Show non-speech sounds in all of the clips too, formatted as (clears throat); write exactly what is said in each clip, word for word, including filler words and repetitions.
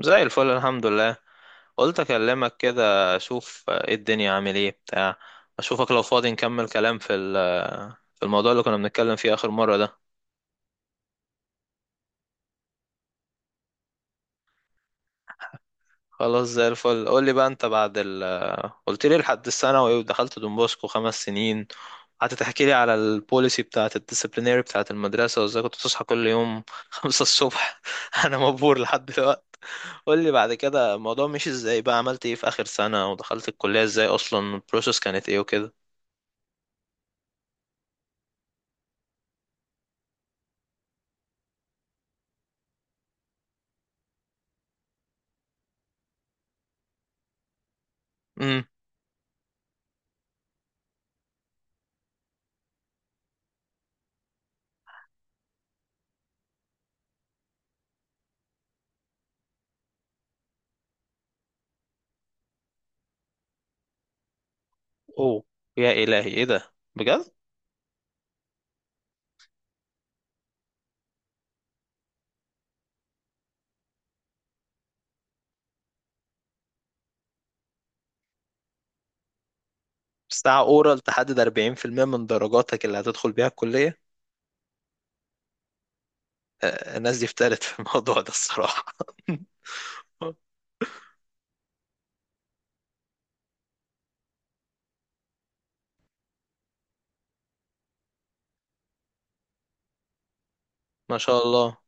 زي الفل، الحمد لله. قلت اكلمك كده، اشوف ايه الدنيا عامل ايه بتاع. اشوفك لو فاضي نكمل كلام في ال- في الموضوع اللي كنا بنتكلم فيه اخر مرة ده. خلاص زي الفل. قول لي بقى انت بعد ال قلت لي لحد الثانوي ودخلت دون بوسكو خمس سنين. قعدت تحكي لي على البوليسي بتاعة الديسيبلينيري بتاعة المدرسة، وازاي كنت بتصحى كل يوم (laughs) خمسة الصبح. انا مبهور لحد دلوقتي. قول لي بعد كده الموضوع مشي ازاي بقى، عملت ايه في اخر سنة ودخلت الكلية ازاي اصلا، البروسيس كانت ايه وكده. اوه، يا الهي، ايه ده بجد؟ ساعة اورال تحدد اربعين في المية من درجاتك اللي هتدخل بيها الكلية. آه، الناس دي افتقدت في (laughs) الموضوع ده الصراحة. (laughs) ما شاء الله،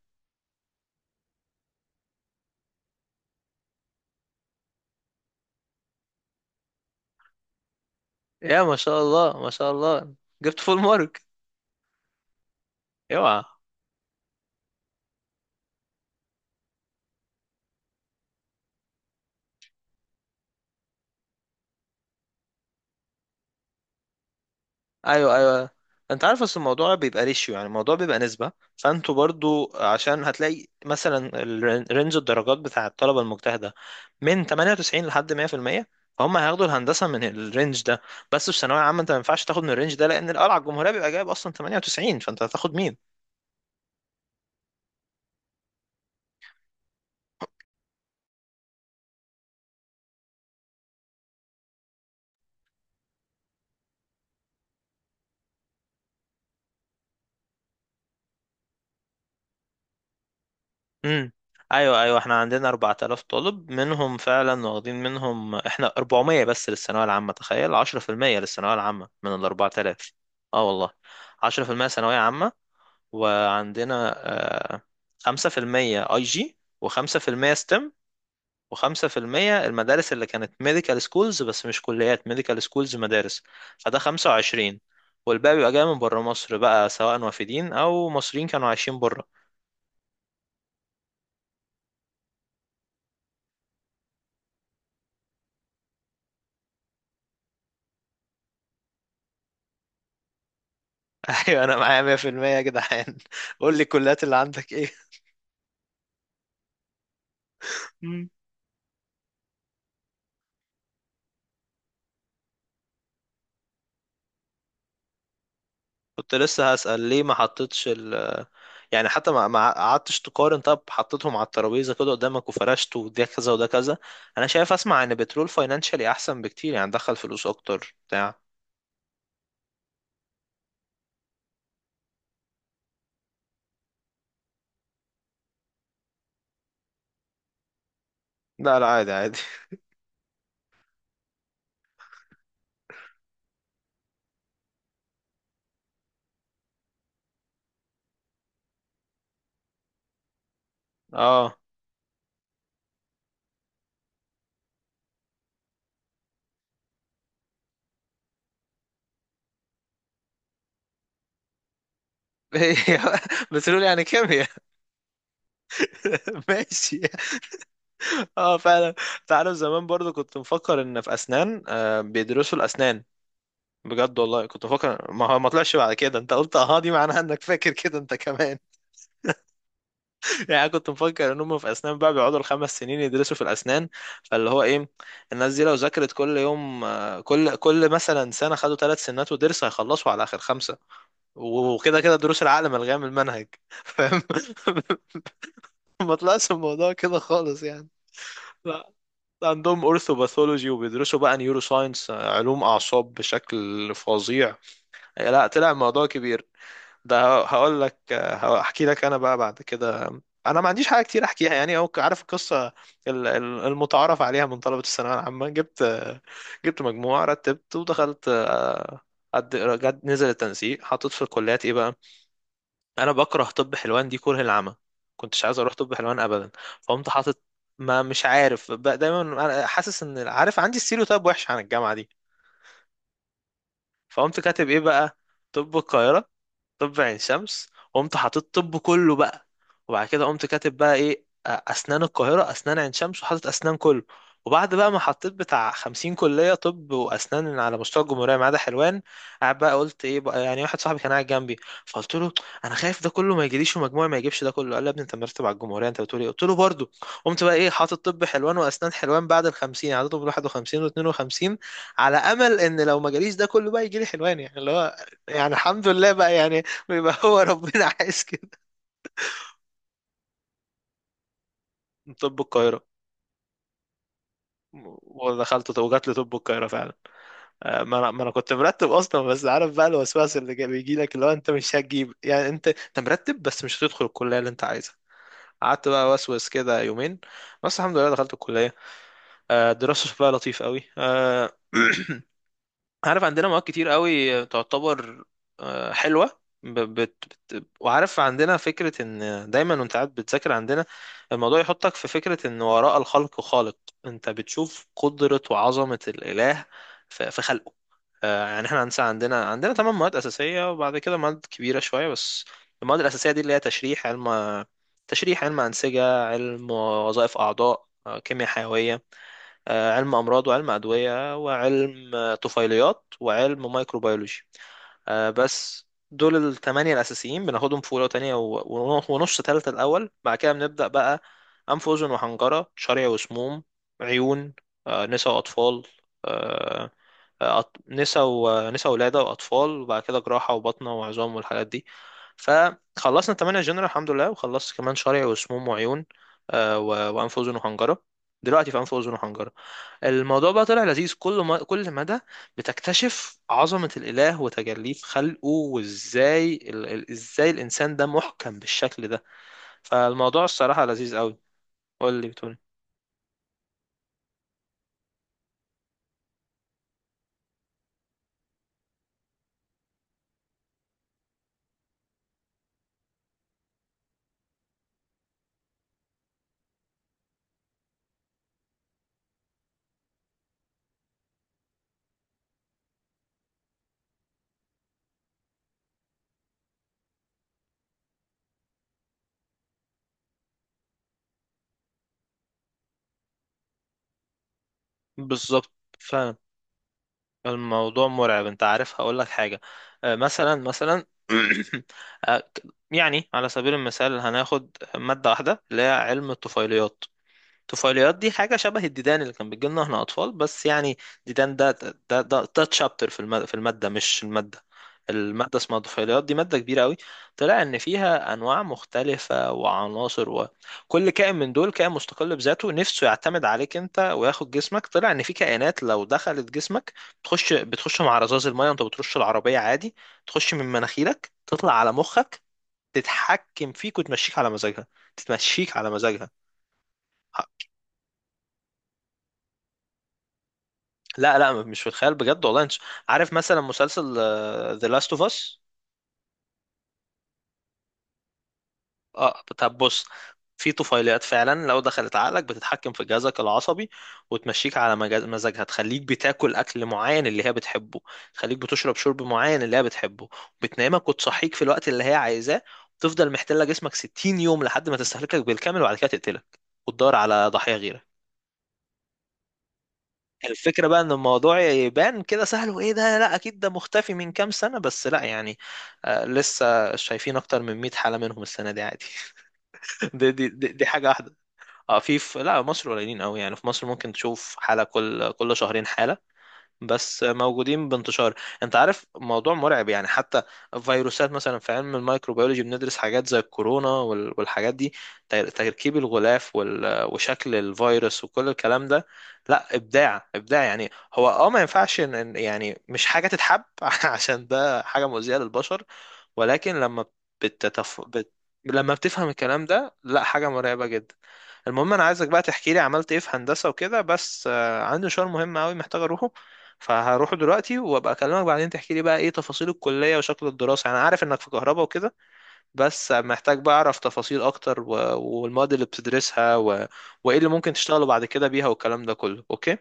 يا ما شاء الله ما شاء الله. جبت فول مارك؟ اوعى. ايوه ايوه، انت عارف اصل الموضوع بيبقى ريشيو، يعني الموضوع بيبقى نسبه. فانتوا برضو، عشان هتلاقي مثلا الرن- رينج الدرجات بتاع الطلبه المجتهده من تمانية وتسعين لحد مية في المية، فهم هياخدوا الهندسه من الرينج ده. بس في ثانويه عامه، انت ما ينفعش تاخد من الرينج ده، لان القلعه الجمهوريه بيبقى جايب اصلا ثمانية وتسعين، فانت هتاخد مين؟ امم ايوه ايوه، احنا عندنا اربعة الاف طالب، منهم فعلا واخدين منهم احنا اربعمية بس للثانويه العامه. تخيل عشرة في المية للثانويه العامه من ال اربعة تالاف. اه والله. عشرة في المية ثانويه عامه. وعندنا آه، خمسة في المية اي جي، وخمسة في المية ستيم، وخمسة في المية المدارس اللي كانت ميديكال سكولز، بس مش كليات، ميديكال سكولز مدارس. فده خمسة وعشرين. والباقي بيبقى جاي من بره مصر بقى، سواء وافدين أو مصريين كانوا عايشين بره. (laughs) أيوة أنا معايا مية في المية يا جدعان. (laughs) قول لي الكليات اللي عندك إيه؟ كنت لسه هسأل ليه ما حطيتش ال يعني، حتى ما ما قعدتش تقارن، طب حطيتهم على الترابيزه كده قدامك وفرشت، وده كذا وده كذا. انا شايف، اسمع، ان بترول فاينانشالي احسن بكتير، يعني دخل فلوس اكتر بتاع. لا لا، عادي عادي. اه، (laughs) بترول يعني كيمياء؟ (laughs) ماشي. اه فعلا. تعرف زمان برضو كنت مفكر ان في اسنان آه، بيدرسوا الاسنان. بجد والله كنت مفكر، ما هو ما طلعش بعد كده. انت قلت اه، دي معناها انك فاكر كده انت كمان. يعني انا كنت مفكر ان هم في اسنان بقى بيقعدوا الخمس سنين يدرسوا في الاسنان. فاللي هو ايه، الناس دي لو ذاكرت كل يوم آه، كل كل مثلا سنه خدوا ثلاث سنات ودرس هيخلصوا على اخر خمسه. وكده كده دروس العقل ملغيه من المنهج، فاهم؟ (laughs) ما طلعش الموضوع كده خالص يعني. لا، عندهم اورثوباثولوجي، وبيدرسوا بقى نيورو ساينس، علوم اعصاب بشكل فظيع. لا، طلع الموضوع كبير. ده هقول لك. هحكي لك انا بقى بعد كده. انا ما عنديش حاجه كتير احكيها يعني، او عارف القصه. ال- ال- المتعارف عليها من طلبه الثانويه العامه. جبت جبت مجموع، رتبت ودخلت، آه، قد- جد نزل التنسيق، حطيت في الكليات ايه بقى. انا بكره طب حلوان دي كره العمى. كنتش عايز اروح طب حلوان ابدا. فقمت حاطط، ما مش عارف بقى، دايما أنا حاسس ان عارف عندي ستيريوتايب وحش عن الجامعه دي. فقمت كاتب ايه بقى، طب القاهره، طب عين شمس. قمت حاطط طب كله بقى. وبعد كده قمت كاتب بقى ايه، آه، اسنان القاهرة، اسنان عين شمس، وحاطط اسنان كله. وبعد بقى ما حطيت بتاع خمسين كلية طب وأسنان على مستوى الجمهورية ما عدا حلوان. قاعد بقى قلت إيه بقى يعني، واحد صاحبي كان قاعد جنبي، فقلت له، أنا خايف ده كله ما يجيليش، ومجموعي ما يجيبش ده كله. قال لي يا ابني أنت مرتب على الجمهورية أنت بتقول إيه؟ قلت له برضه. قمت بقى إيه، حاطط طب حلوان وأسنان حلوان بعد ال خمسين، عددهم واحد وخمسين و اتنين وخمسين، على أمل إن لو ما جاليش ده كله بقى يجيلي حلوان، يعني اللي هو. يعني الحمد لله بقى يعني. بيبقى (laughs) هو ربنا عايز كده. طب القاهرة. ودخلت وجات لي طب القاهرة فعلا. آه، ما انا ما انا كنت مرتب اصلا، بس عارف بقى الوسواس اللي جا- بيجي لك، اللي هو انت مش هتجيب، يعني انت انت مرتب بس مش هتدخل الكلية اللي انت عايزها. قعدت بقى وسوس كده يومين. بس الحمد لله دخلت الكلية. آه، الدراسة شكلها لطيف قوي، آه، (clears throat) عارف عندنا مواد كتير قوي، تعتبر آه، حلوة ب- بت بت وعارف عندنا فكرة ان دايما وانت قاعد بتذاكر عندنا، الموضوع يحطك في فكرة ان وراء الخلق خالق. انت بتشوف قدرة وعظمة الاله ف- في خلقه. آه، يعني احنا عندنا عندنا عندنا تمن مواد اساسية، وبعد كده مواد كبيرة شوية بس. المواد الاساسية دي اللي هي تشريح علم تشريح، علم انسجة، علم وظائف اعضاء، آه، كيمياء حيوية، آه، علم أمراض، وعلم أدوية، وعلم آه، طفيليات، وعلم مايكروبيولوجي. آه، بس دول الثمانية الأساسيين بناخدهم في أولى وتانية و- ون- ونص تالتة الأول، بعد كده بنبدأ بقى أنف وأذن وحنجرة، شرع وسموم، عيون، آه، نسا وأطفال، آه، آه، أط- نسا ونسا ولادة وأطفال، وبعد كده جراحة وبطنة وعظام والحاجات دي. فخلصنا الثمانية جنرال الحمد لله، وخلصت كمان شرع وسموم وعيون، آه، و- وأنف وأذن وحنجرة. دلوقتي في أنف وأذن وحنجرة. الموضوع بقى طلع لذيذ، كل ما كل مدى بتكتشف عظمة الإله وتجليه في خلقه، وإزاي ال... ال- إزاي الإنسان ده محكم بالشكل ده. فالموضوع الصراحة لذيذ قوي. قول لي، بتقول. بالظبط، فعلا. الموضوع مرعب. أنت عارف هقول لك حاجة. آه، مثلا مثلا (coughs) (clears throat) آه، يعني على سبيل المثال هناخد مادة واحدة اللي هي علم الطفيليات. طفيليات دي حاجة شبه الديدان اللي كان بيجي لنا احنا أطفال، بس يعني، ديدان ده ده ده, ده تشابتر في المادة, في المادة مش المادة. المادة اسمها طفيليات، دي مادة كبيرة قوي. طلع إن فيها أنواع مختلفة وعناصر، وكل كائن من دول كائن مستقل بذاته، نفسه يعتمد عليك أنت وياخد جسمك. طلع إن في كائنات لو دخلت جسمك، بتخش بتخش مع رذاذ المية وأنت بترش العربية عادي، تخش من مناخيرك، تطلع على مخك، تتحكم فيك وتمشيك على مزاجها. تتمشيك على مزاجها. لا لا، مش في الخيال. بجد والله انت عارف مثلا مسلسل آه، The Last of Us؟ اه، طب بص، في طفيليات فعلا لو دخلت عقلك، بتتحكم في جهازك العصبي، وتمشيك على مجاز- مزاجها. تخليك بتاكل اكل معين اللي هي بتحبه، تخليك بتشرب شرب معين اللي هي بتحبه، بتنامك وتصحيك في الوقت اللي هي عايزاه، وتفضل محتلة جسمك ستين يوم لحد ما تستهلكك بالكامل، وبعد كده تقتلك، وتدور على ضحية غيرك. الفكرة بقى ان الموضوع يبان كده سهل وايه ده، لا اكيد، ده مختفي من كام سنة؟ بس لا يعني، آه، لسه شايفين اكتر من مئة حالة منهم السنة دي عادي. (laughs) دي, دي, دي, دي حاجة واحدة. اه، في في لا، مصر قليلين قوي، يعني في مصر ممكن تشوف حالة كل كل شهرين حالة، بس موجودين بانتشار. انت عارف، موضوع مرعب يعني، حتى فيروسات مثلا، في علم الميكروبيولوجي بندرس حاجات زي الكورونا وال- والحاجات دي، تر- تركيب الغلاف وال- وشكل الفيروس وكل الكلام ده. لا، ابداع ابداع يعني هو. اه، ما ينفعش ان ان- يعني مش حاجة تتحب، (laughs) عشان ده حاجة مؤذية للبشر. ولكن لما بتتف... بت... لما بتفهم الكلام ده، لا حاجة مرعبة جدا. المهم انا عايزك بقى تحكي لي عملت ايه في هندسة وكده، بس آه، عندي مشوار مهم قوي محتاج اروحه. فهروح دلوقتي، وابقى اكلمك بعدين تحكي لي بقى ايه تفاصيل الكلية وشكل الدراسة، انا عارف انك في كهرباء وكده. بس محتاج بقى اعرف تفاصيل اكتر و... والمواد اللي بتدرسها و... وايه اللي ممكن تشتغلوا بعد كده بيها والكلام ده كله، اوكي.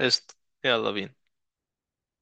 قشطة. يلا بينا.